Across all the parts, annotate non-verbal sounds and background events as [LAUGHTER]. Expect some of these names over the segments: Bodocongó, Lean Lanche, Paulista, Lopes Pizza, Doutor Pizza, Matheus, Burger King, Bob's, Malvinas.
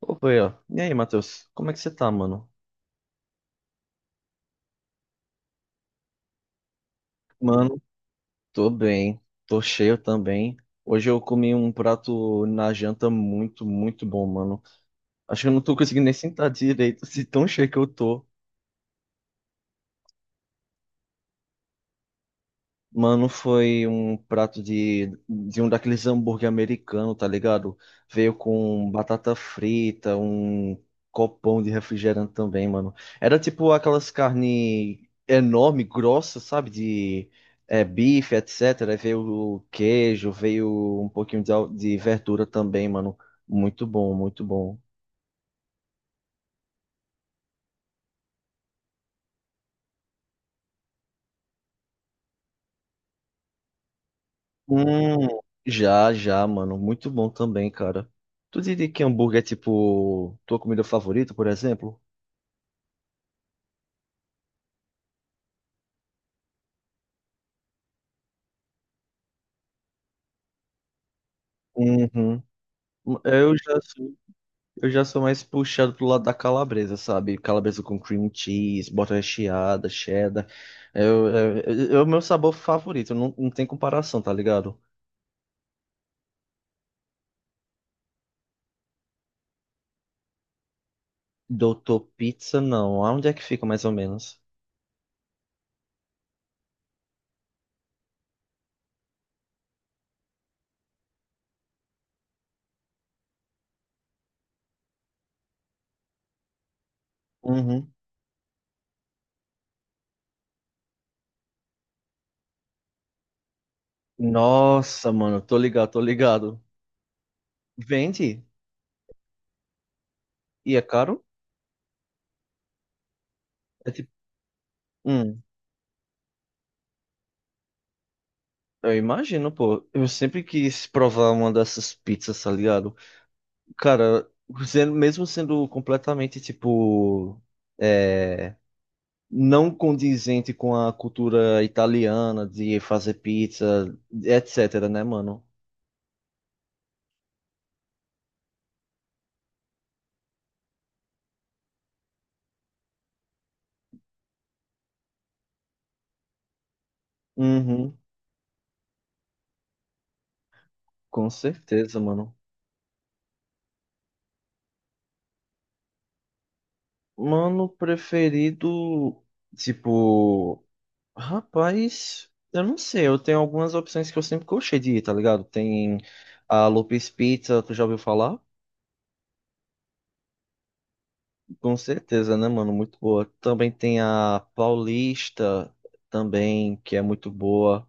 Opa, aí, ó. E aí, Matheus? Como é que você tá, mano? Mano, tô bem. Tô cheio também. Hoje eu comi um prato na janta muito, muito bom, mano. Acho que eu não tô conseguindo nem sentar direito, [LAUGHS] se tão cheio que eu tô. Mano, foi um prato de um daqueles hambúrguer americano, tá ligado? Veio com batata frita, um copão de refrigerante também, mano. Era tipo aquelas carne enorme, grossa, sabe? De bife, etc. Aí veio o queijo, veio um pouquinho de, de verdura também, mano. Muito bom, muito bom. Hum, já, já, mano. Muito bom também, cara. Tu diria que hambúrguer é tipo tua comida favorita, por exemplo? Uhum. Eu já sou, eu já sou mais puxado pro lado da calabresa, sabe? Calabresa com cream cheese, bota recheada, cheddar. É o meu sabor favorito, não tem comparação, tá ligado? Doutor Pizza, não. Aonde é que fica mais ou menos? Uhum. Nossa, mano, tô ligado, tô ligado. Vende? E é caro? É tipo, hum, eu imagino, pô. Eu sempre quis provar uma dessas pizzas, tá ligado? Cara, mesmo sendo completamente, é, não condizente com a cultura italiana de fazer pizza, etc, né, mano? Uhum, com certeza, mano. Mano preferido, tipo, rapaz, eu não sei, eu tenho algumas opções que eu sempre gostei de ir, tá ligado? Tem a Lopes Pizza, tu já ouviu falar? Com certeza, né, mano? Muito boa. Também tem a Paulista, também, que é muito boa.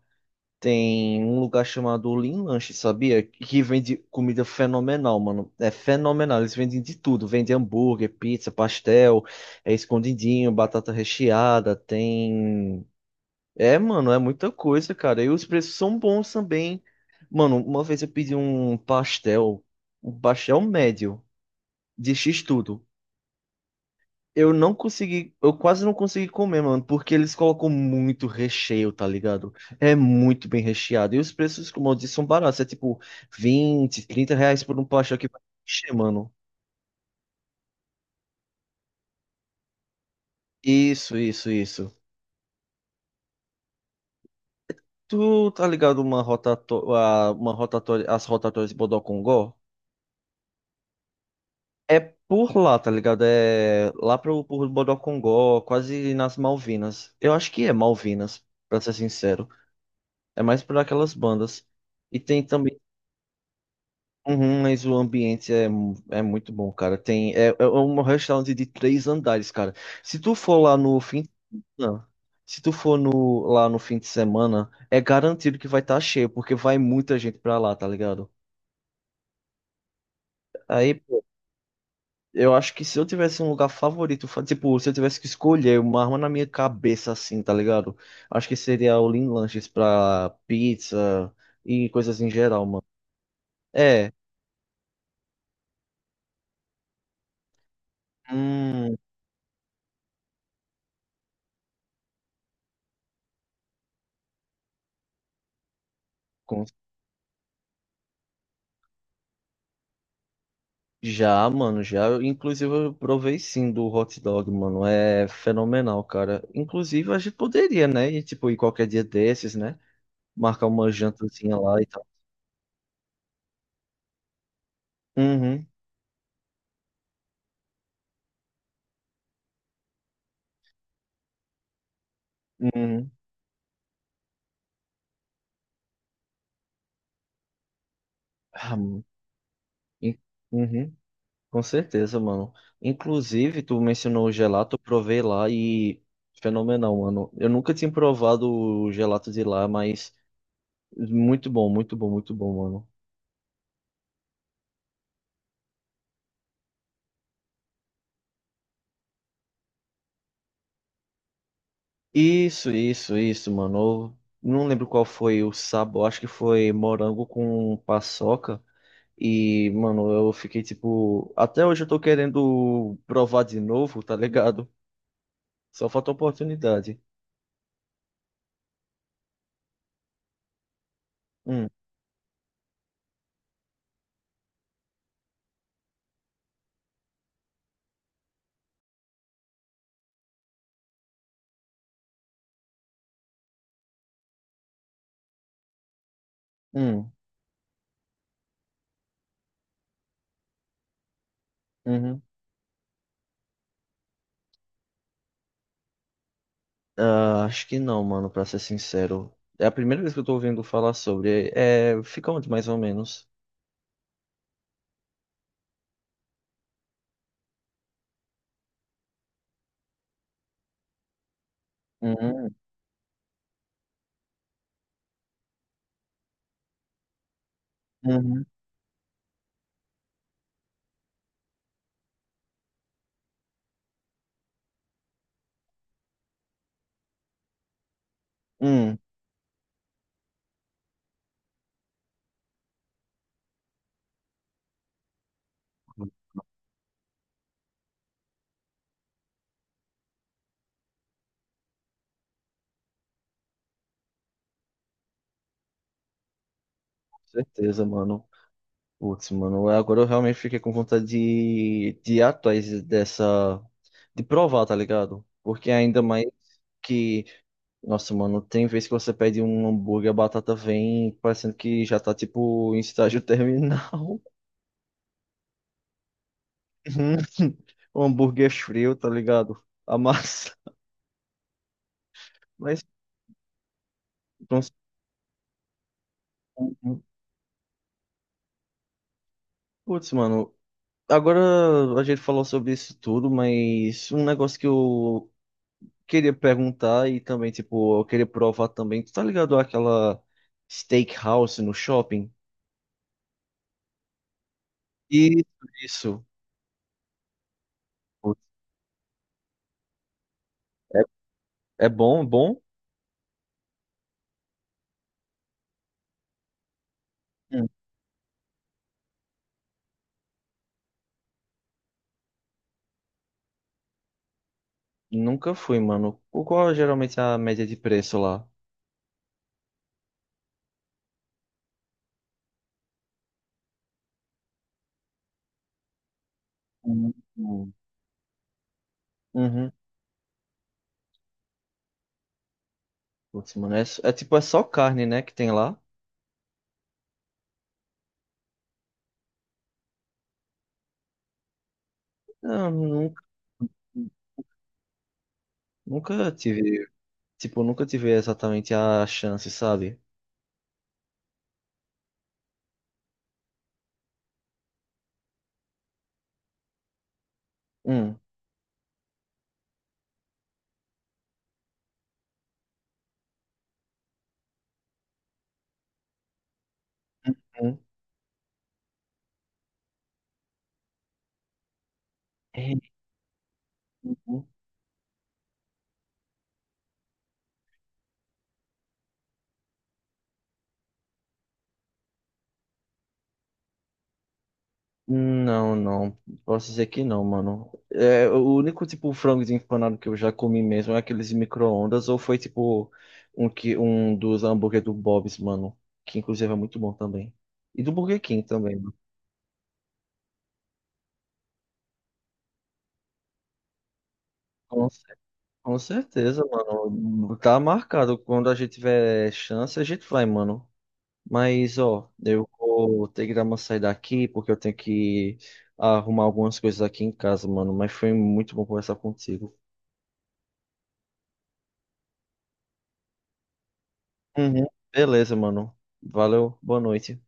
Tem um lugar chamado Lean Lanche, sabia? Que vende comida fenomenal, mano. É fenomenal. Eles vendem de tudo. Vendem hambúrguer, pizza, pastel, escondidinho, batata recheada. Tem. É, mano, é muita coisa, cara. E os preços são bons também. Mano, uma vez eu pedi um pastel médio, de X tudo. Eu quase não consegui comer, mano, porque eles colocam muito recheio, tá ligado? É muito bem recheado. E os preços, como eu disse, são baratos. É tipo 20, 30 reais por um pastel que vai encher, mano. Isso, isso, isso. Tu tá ligado uma rotatória, as rotatórias de Bodocongó? É por lá, tá ligado? É por Bodocongó, quase nas Malvinas. Eu acho que é Malvinas, pra ser sincero. É mais por aquelas bandas. E tem também. Uhum, mas é muito bom, cara. Tem, é um restaurante de três andares, cara. Se tu for lá no fim, não. Se tu for lá no fim de semana, é garantido que vai estar cheio, porque vai muita gente pra lá, tá ligado? Aí pô, eu acho que se eu tivesse um lugar favorito, tipo, se eu tivesse que escolher uma arma na minha cabeça, assim, tá ligado? Acho que seria o Lean Lanches pra pizza e coisas em geral, mano. É, hum, Já, mano, já. Inclusive, eu provei sim do hot dog, mano. É fenomenal, cara. Inclusive, a gente poderia, né? E, tipo, ir qualquer dia desses, né? Marcar uma jantazinha lá e tal. Uhum, uhum. Ah, mano. In- Uhum, com certeza, mano. Inclusive, tu mencionou o gelato, eu provei lá e fenomenal, mano. Eu nunca tinha provado o gelato de lá, mas muito bom, muito bom, muito bom, mano. Isso, mano. Eu não lembro qual foi o sabor, acho que foi morango com paçoca. E, mano, eu fiquei tipo. Até hoje eu tô querendo provar de novo, tá ligado? Só falta oportunidade. Hum, hum, uhum. Ah, acho que não, mano, pra ser sincero. É a primeira vez que eu tô ouvindo falar sobre. É, fica onde mais ou menos? Uhum, uhum, hum, com certeza, mano. Putz, mano, agora eu realmente fiquei com vontade de ir atrás dessa. De provar, tá ligado? Porque ainda mais que. Nossa, mano, tem vez que você pede um hambúrguer, a batata vem parecendo que já tá, tipo, em estágio terminal. [LAUGHS] Um hambúrguer frio, tá ligado? A massa. Mas, não sei. Putz, mano. Agora a gente falou sobre isso tudo, mas um negócio que eu queria perguntar e também, tipo, eu queria provar também. Tu tá ligado àquela steakhouse no shopping? Isso, isso. Putz, é, é bom, é bom? Hum. Nunca fui, mano. O qual é geralmente a média de preço lá? Hum. Hum. Uhum. Putz, mano, é tipo, é só carne, né, que tem lá? Eu nunca, nunca tive, tipo, nunca tive exatamente a chance, sabe? Hum. Uhum. É, uhum. Não, não. Posso dizer que não, mano. É, o único tipo frango empanado que eu já comi mesmo é aqueles micro-ondas, ou foi tipo um dos hambúrguer do Bob's, mano. Que inclusive é muito bom também. E do Burger King também, mano. Com, cer- com certeza, mano. Tá marcado. Quando a gente tiver chance, a gente vai, mano. Mas, ó, eu vou ter que dar uma saída aqui, porque eu tenho que arrumar algumas coisas aqui em casa, mano. Mas foi muito bom conversar contigo. Uhum. Beleza, mano. Valeu, boa noite.